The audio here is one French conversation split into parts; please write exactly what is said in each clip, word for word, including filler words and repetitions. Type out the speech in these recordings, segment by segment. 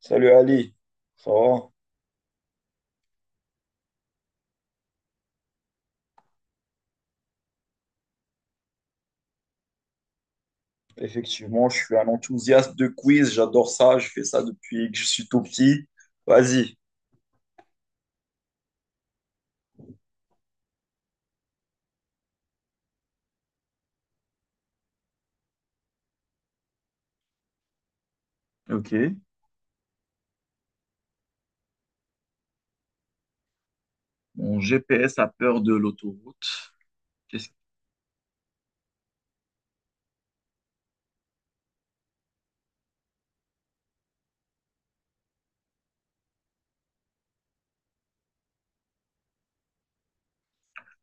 Salut Ali, ça va? Effectivement, je suis un enthousiaste de quiz, j'adore ça, je fais ça depuis que je suis tout petit. Vas-y.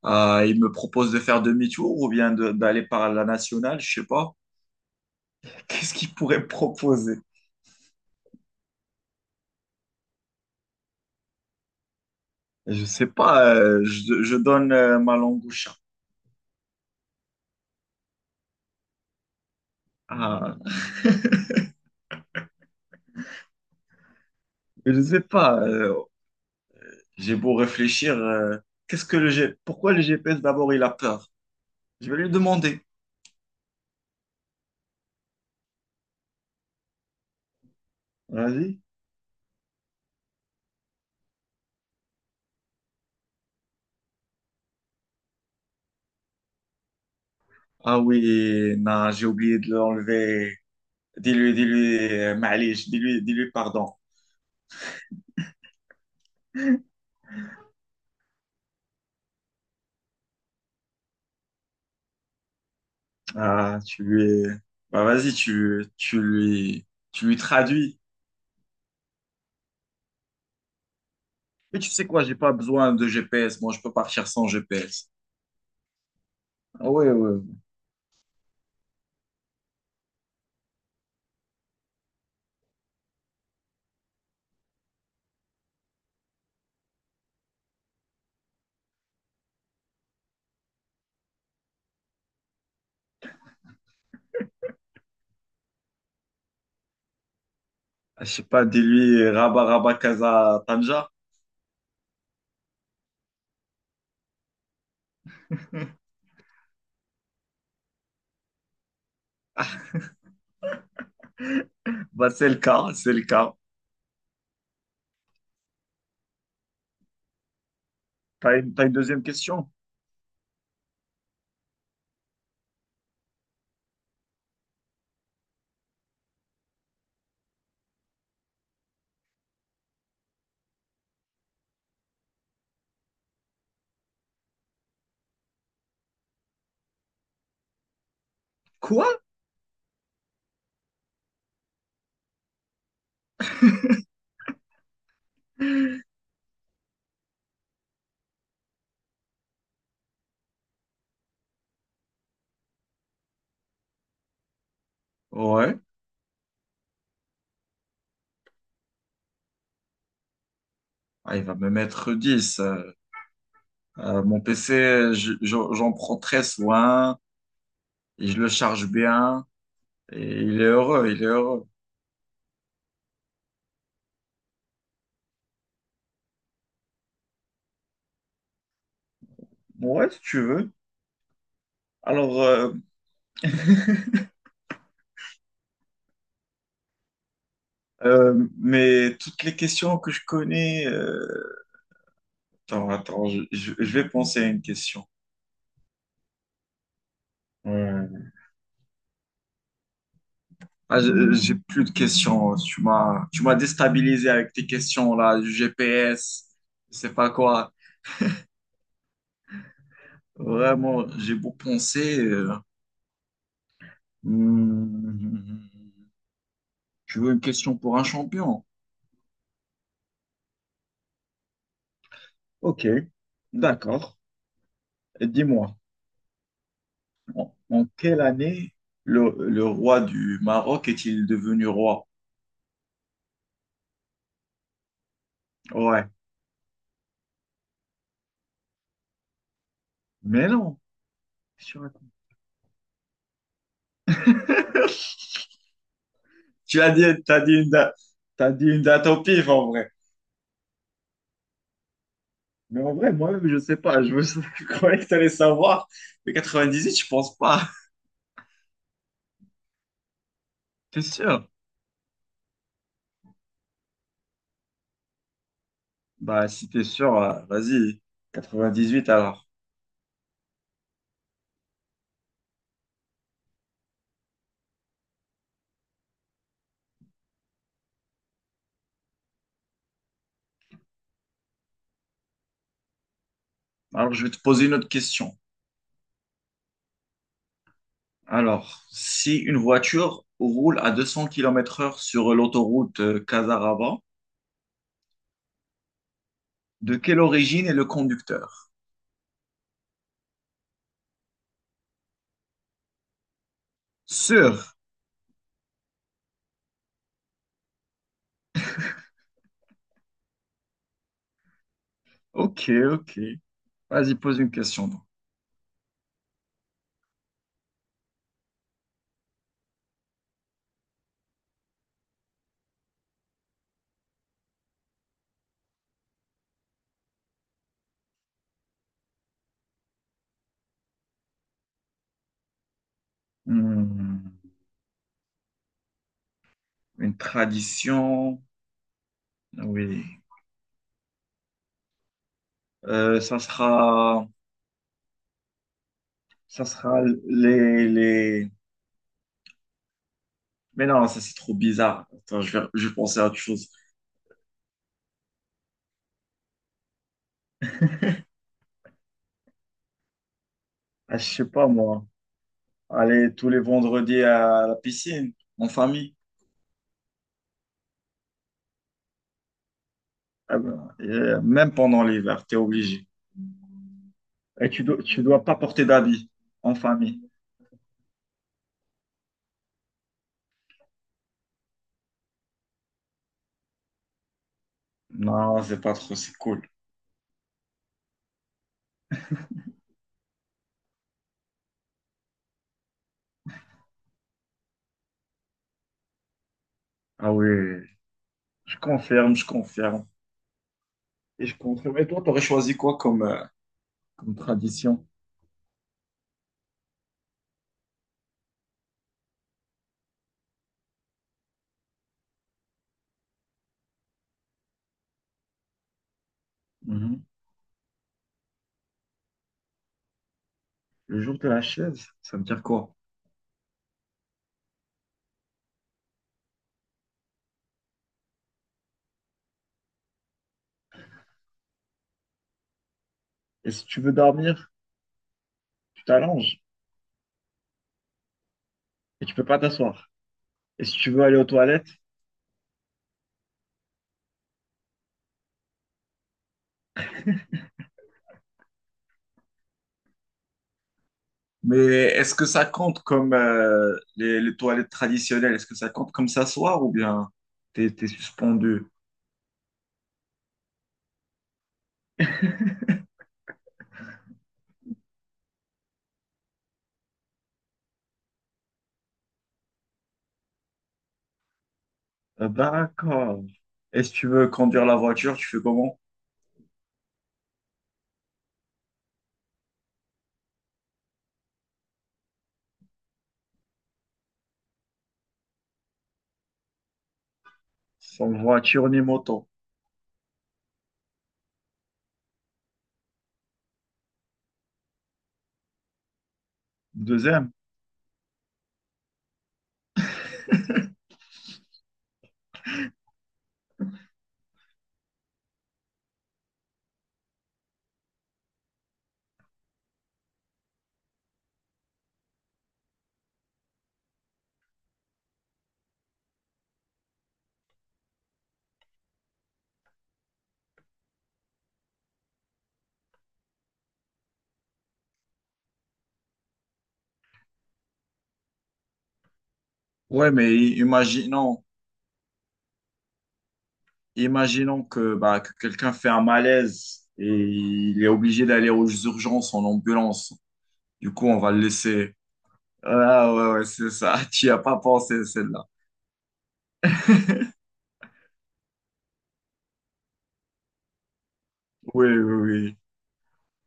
Euh, il me propose de faire demi-tour ou bien de- d'aller par la nationale, je sais pas. Qu'est-ce qu'il pourrait me proposer? Je sais pas, euh, je, je donne euh, ma langue au chat. Ah, je sais pas, euh, j'ai beau réfléchir, euh, qu'est-ce que le G... pourquoi le G P S d'abord il a peur? Je vais lui demander. Vas-y. Ah oui, non, j'ai oublié de l'enlever. Dis-lui, dis-lui, euh, Maalish, dis-lui, dis-lui pardon. Ah, tu lui, bah vas-y, tu, tu lui, tu lui traduis. Mais tu sais quoi, j'ai pas besoin de G P S. Moi, je peux partir sans G P S. Ah ouais, ouais, ouais. Je sais pas, dis-lui, euh, Rabat, Rabat, Casa, Tanja. Bah, c'est le cas, c'est le cas. T'as une, t'as une deuxième question? Quoi? Ouais. Ah, il va me mettre dix. euh. Euh, mon P C, je- j'en j'en prends très soin, et je le charge bien, et il est heureux, il est heureux. Bon, ouais, si tu veux. Alors, euh, euh, mais toutes les questions que je connais, euh, attends, attends, je, je- je vais penser à une question. Euh, ah, je- j'ai plus de questions, hein. Tu m'as, tu m'as déstabilisé avec tes questions là, du G P S, je sais pas quoi. Vraiment, j'ai beau penser. Euh, hmm, tu veux une question pour un champion? Ok, d'accord. Et dis-moi, en, en quelle année le, le roi du Maroc est-il devenu roi? Ouais. Mais non. Je raconte. Tu as dit, t'as dit une date, t'as dit une date au pif en vrai. Mais en vrai, moi-même, je sais pas. Je, me... je croyais que t'allais savoir. Mais huit, je pense pas. T'es sûr? Bah, si t'es sûr, euh, vas-y. quatre Quatre-vingt-dix-huit, alors. Alors, je vais te poser une autre question. Alors, si une voiture roule à deux cents kilomètres heure sur l'autoroute euh, Casarava, de quelle origine est le conducteur? Sûr. Ok, ok. Vas-y, pose une question, donc. Hmm, une tradition. Oui. Euh, ça sera, ça sera les, les... Mais non, ça c'est trop bizarre. Attends, je vais, je vais penser à autre chose. Ah, je sais pas moi. Aller tous les vendredis à la piscine, en famille. Ah ben, euh, même pendant l'hiver, t'es obligé. Et tu dois, tu dois pas porter d'habits en famille. Non, c'est pas trop, c'est cool. Ah oui, je confirme, je confirme. Et je confirme. Et toi, t'aurais choisi quoi comme, euh, comme tradition? Mhm. Le jour de la chaise, ça veut dire quoi? Et si tu veux dormir? Tu t'allonges et tu peux pas t'asseoir. Et si tu veux aller aux toilettes, mais est-ce que ça compte comme euh, les, les toilettes traditionnelles? Est-ce que ça compte comme s'asseoir ou bien t'es, t'es suspendu? Euh, d'accord. Et si tu veux conduire la voiture, tu fais comment? Sans voiture ni moto. Deuxième, ouais, mais i- imaginons, imaginons que, bah, que quelqu'un fait un malaise et il est obligé d'aller aux urgences en ambulance. Du coup, on va le laisser. Ah ouais, ouais, c'est ça. Tu n'y as pas pensé, celle-là. Oui, oui, oui.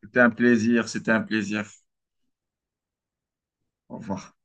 C'était un plaisir, c'était un plaisir. Au revoir.